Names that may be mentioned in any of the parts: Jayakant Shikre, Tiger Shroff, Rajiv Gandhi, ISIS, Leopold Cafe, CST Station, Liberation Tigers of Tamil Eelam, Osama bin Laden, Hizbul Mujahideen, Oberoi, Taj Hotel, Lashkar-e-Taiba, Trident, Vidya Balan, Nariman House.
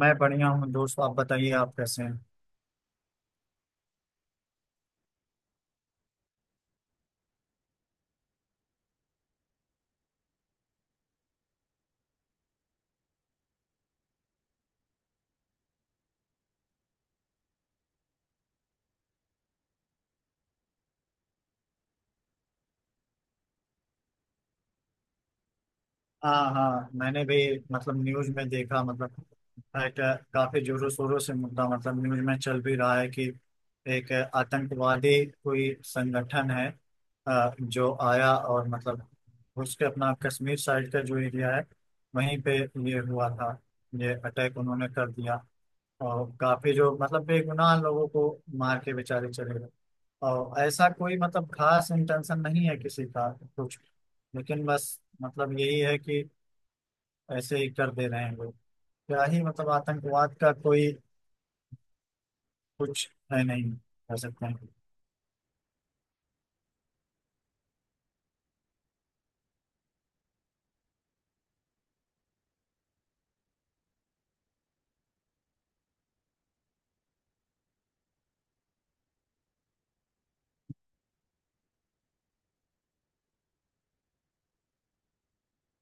मैं बढ़िया हूँ दोस्त। आप बताइए, आप कैसे हैं? हाँ हाँ, मैंने भी मतलब न्यूज में देखा। मतलब एक, काफी जोरों शोरों से मुद्दा मतलब न्यूज में चल भी रहा है कि एक आतंकवादी कोई संगठन है, जो आया, और मतलब उसके अपना कश्मीर साइड का जो एरिया है वहीं पे ये हुआ था, ये अटैक उन्होंने कर दिया। और काफी जो मतलब बेगुनाह लोगों को मार के बेचारे चले गए। और ऐसा कोई मतलब खास इंटेंशन नहीं है किसी का कुछ, लेकिन बस मतलब यही है कि ऐसे ही कर दे रहे हैं लोग। क्या ही मतलब आतंकवाद का कोई कुछ है नहीं, कह सकते हैं।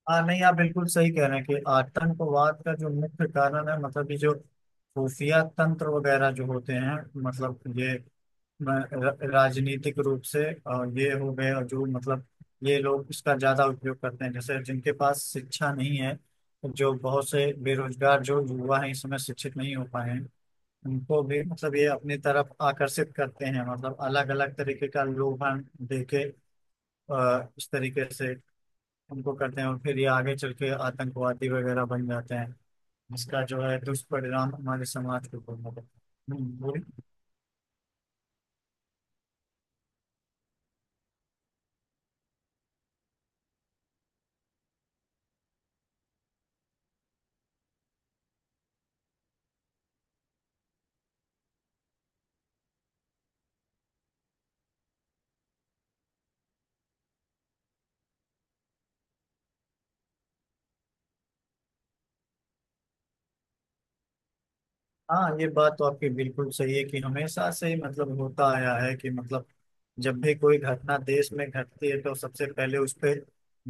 हाँ नहीं, आप बिल्कुल सही कह रहे हैं कि आतंकवाद का जो मुख्य कारण है मतलब ये जो खुफिया तंत्र वगैरह जो होते हैं, मतलब ये राजनीतिक रूप से और ये हो गए, और जो मतलब ये लोग इसका ज्यादा उपयोग करते हैं, जैसे जिनके पास शिक्षा नहीं है, जो बहुत से बेरोजगार जो युवा हैं इस समय शिक्षित नहीं हो पाए हैं, उनको भी मतलब ये अपनी तरफ आकर्षित करते हैं, मतलब अलग अलग तरीके का लोभन दे के, इस तरीके से उनको करते हैं और फिर ये आगे चल के आतंकवादी वगैरह बन जाते हैं। इसका जो है दुष्परिणाम हमारे समाज के ऊपर होगा। बोलिए। हाँ, ये बात तो आपकी बिल्कुल सही है कि हमेशा से ही मतलब होता आया है कि मतलब जब भी कोई घटना देश में घटती है तो सबसे पहले उस पे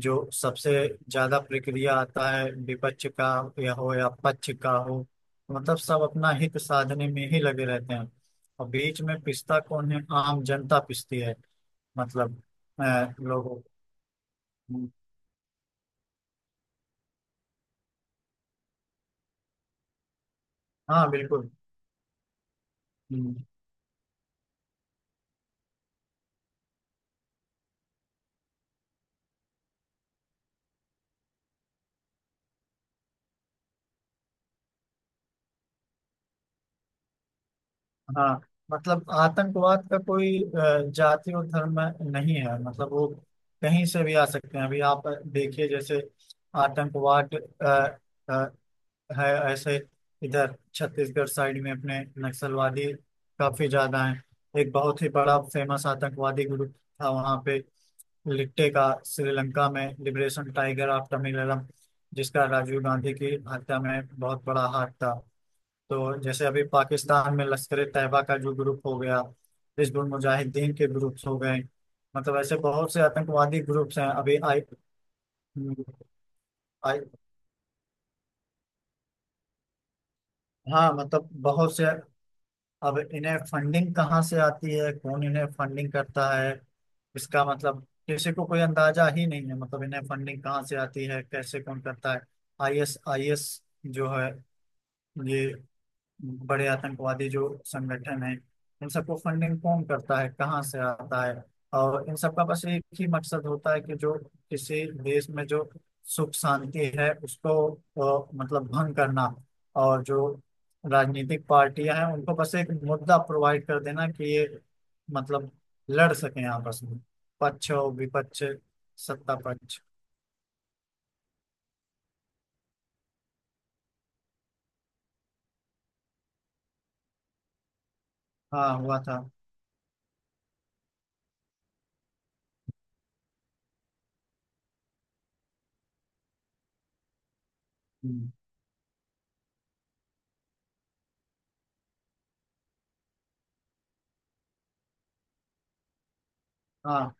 जो सबसे ज्यादा प्रक्रिया आता है विपक्ष का या हो या पक्ष का हो, मतलब सब अपना हित साधने में ही लगे रहते हैं, और बीच में पिसता कौन है? आम जनता पिसती है। मतलब लोगों को। हाँ बिल्कुल। हाँ मतलब आतंकवाद का कोई जाति और धर्म नहीं है, मतलब वो कहीं से भी आ सकते हैं। अभी आप देखिए जैसे आतंकवाद अ, है ऐसे। इधर छत्तीसगढ़ साइड में अपने नक्सलवादी काफी ज्यादा हैं। एक बहुत ही बड़ा फेमस आतंकवादी ग्रुप था वहाँ पे, लिट्टे का, श्रीलंका में लिबरेशन टाइगर ऑफ तमिलम, जिसका राजीव गांधी की हत्या में बहुत बड़ा हाथ था। तो जैसे अभी पाकिस्तान में लश्कर ए तैयबा का जो ग्रुप हो गया, हिजबुल मुजाहिदीन के ग्रुप्स हो गए, मतलब ऐसे बहुत से आतंकवादी ग्रुप्स हैं। अभी आई, हाँ मतलब बहुत से। अब इन्हें फंडिंग कहाँ से आती है? कौन इन्हें फंडिंग करता है? इसका मतलब किसी को कोई अंदाजा ही नहीं है, मतलब इन्हें फंडिंग कहाँ से आती है, कैसे, कौन करता है। आईएस आईएस जो है, ये बड़े आतंकवादी जो संगठन है, इन सबको फंडिंग कौन करता है, कहाँ से आता है? और इन सबका बस एक ही मकसद होता है कि जो किसी देश में जो सुख शांति है उसको मतलब भंग करना, और जो राजनीतिक पार्टियां हैं उनको बस एक मुद्दा प्रोवाइड कर देना कि ये मतलब लड़ सकें आपस में, पक्ष और विपक्ष, सत्ता पक्ष। हाँ हुआ था। हम्म, हाँ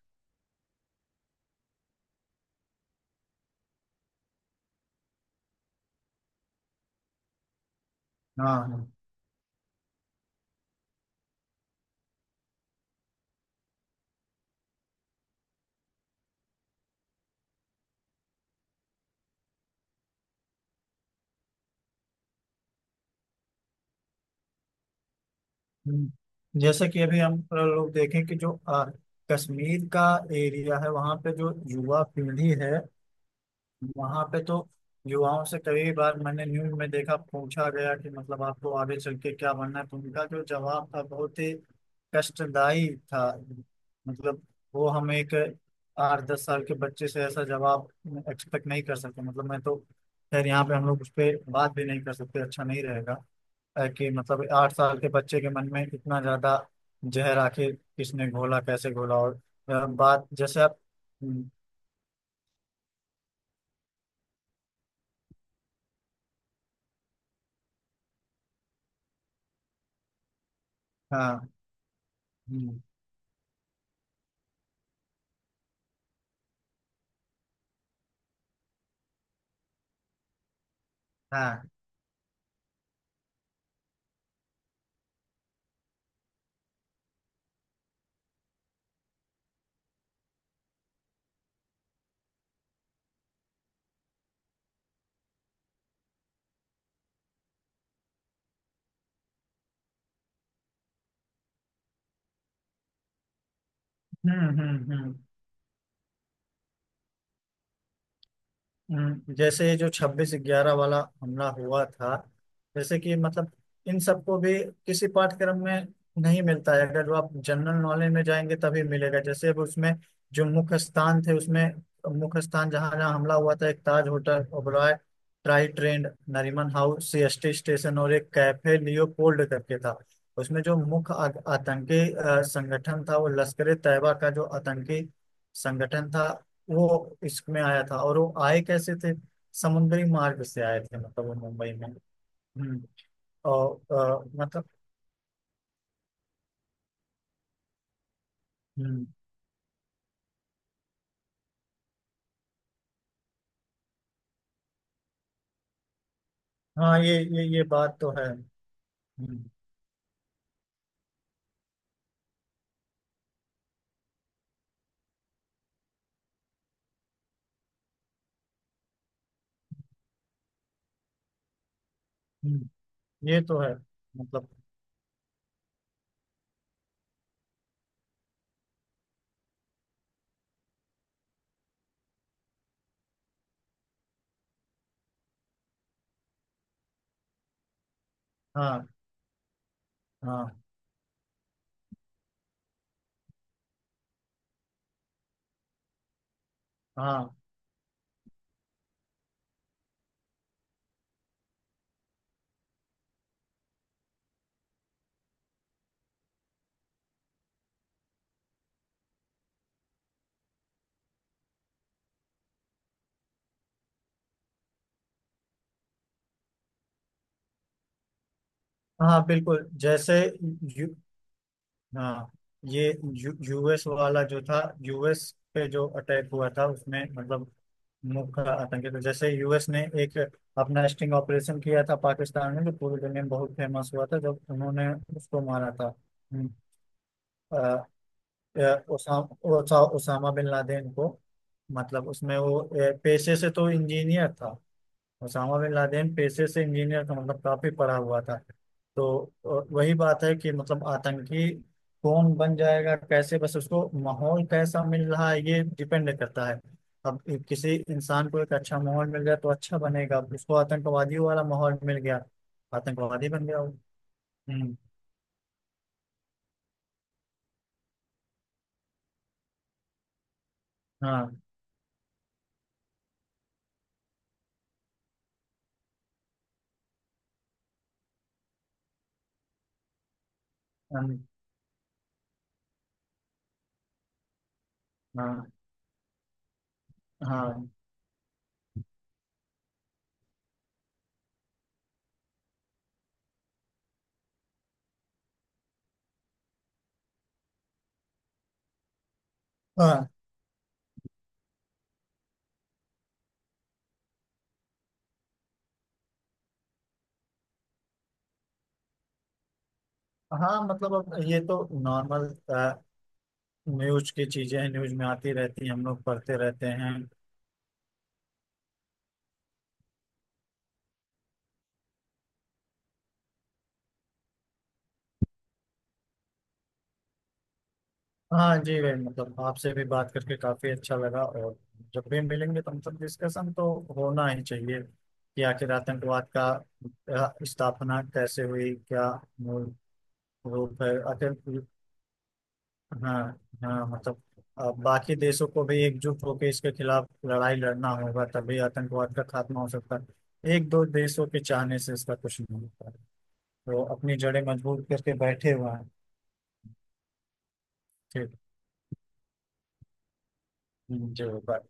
हाँ हाँ। हम्म। जैसे कि अभी हम लोग देखें कि जो कश्मीर का एरिया है वहाँ पे जो युवा पीढ़ी है वहाँ पे, तो युवाओं से कई बार मैंने न्यूज में देखा, पूछा गया कि मतलब आपको आगे चल के क्या बनना है, तो उनका जो जवाब था बहुत ही कष्टदायी था। मतलब वो, हम एक 8-10 साल के बच्चे से ऐसा जवाब एक्सपेक्ट नहीं कर सकते। मतलब मैं तो खैर, यहाँ पे हम लोग उस पर बात भी नहीं कर सकते, अच्छा नहीं रहेगा, है कि मतलब 8 साल के बच्चे के मन में इतना ज्यादा जहर आखिर किसने घोला, कैसे घोला? और बात जैसे आप। हम्म, हाँ। हम्म, हाँ। हम्म हम्म हम्म जैसे जो 26/11 वाला हमला हुआ था, जैसे कि मतलब इन सबको भी किसी पाठ्यक्रम में नहीं मिलता है, अगर वो आप जनरल नॉलेज में जाएंगे तभी मिलेगा। जैसे अब उसमें जो मुख्य स्थान थे उसमें, मुख्य स्थान जहाँ जहाँ हमला हुआ था, एक Taj hotel, Oberoi Trident, Nariman house, CST station और एक कैफे लियोपोल्ड करके था। उसमें जो मुख्य आतंकी संगठन था, वो लश्कर ए तैयबा का जो आतंकी संगठन था, वो इसमें आया था। और वो आए कैसे थे? समुद्री मार्ग से आए थे, मतलब वो मुंबई में। हम्म। और मतलब हम्म। हाँ ये बात तो है। हम्म हम्म, ये तो है मतलब। हाँ हाँ हाँ हाँ बिल्कुल, जैसे यू हाँ ये यूएस वाला जो था, यूएस पे जो अटैक हुआ था उसमें मतलब मुल्क का आतंकित, जैसे यूएस ने एक अपना स्टिंग ऑपरेशन किया था पाकिस्तान में, जो पूरी दुनिया में बहुत फेमस हुआ था जब उन्होंने उसको मारा था। हम्म, अ, अ, उसा, उसा, उसामा बिन लादेन को। मतलब उसमें वो पेशे से तो इंजीनियर था, ओसामा बिन लादेन पेशे से इंजीनियर था, मतलब काफी पढ़ा हुआ था। तो वही बात है कि मतलब आतंकी कौन बन जाएगा कैसे, बस उसको माहौल कैसा मिल रहा है, ये डिपेंड करता है। अब किसी इंसान को एक अच्छा माहौल मिल गया तो अच्छा बनेगा, उसको आतंकवादी वाला माहौल मिल गया, आतंकवादी बन गया वो। हम्म, हाँ। हम, हाँ हाँ हाँ। हाँ मतलब अब ये तो नॉर्मल न्यूज की चीजें हैं, न्यूज में आती रहती हैं, हम लोग पढ़ते रहते हैं। हाँ जी भाई, मतलब आपसे भी बात करके काफी अच्छा लगा, और जब भी मिलेंगे तो मतलब डिस्कशन तो होना ही चाहिए कि आखिर आतंकवाद का स्थापना कैसे हुई, क्या मूल रूप है आखिर। हाँ हाँ मतलब बाकी देशों को भी एकजुट होकर इसके खिलाफ लड़ाई लड़ना होगा, तभी आतंकवाद का खात्मा हो सकता है, एक दो देशों के चाहने से इसका कुछ नहीं होता। तो अपनी जड़ें मजबूत करके बैठे हुए हैं। ठीक जी, बाय।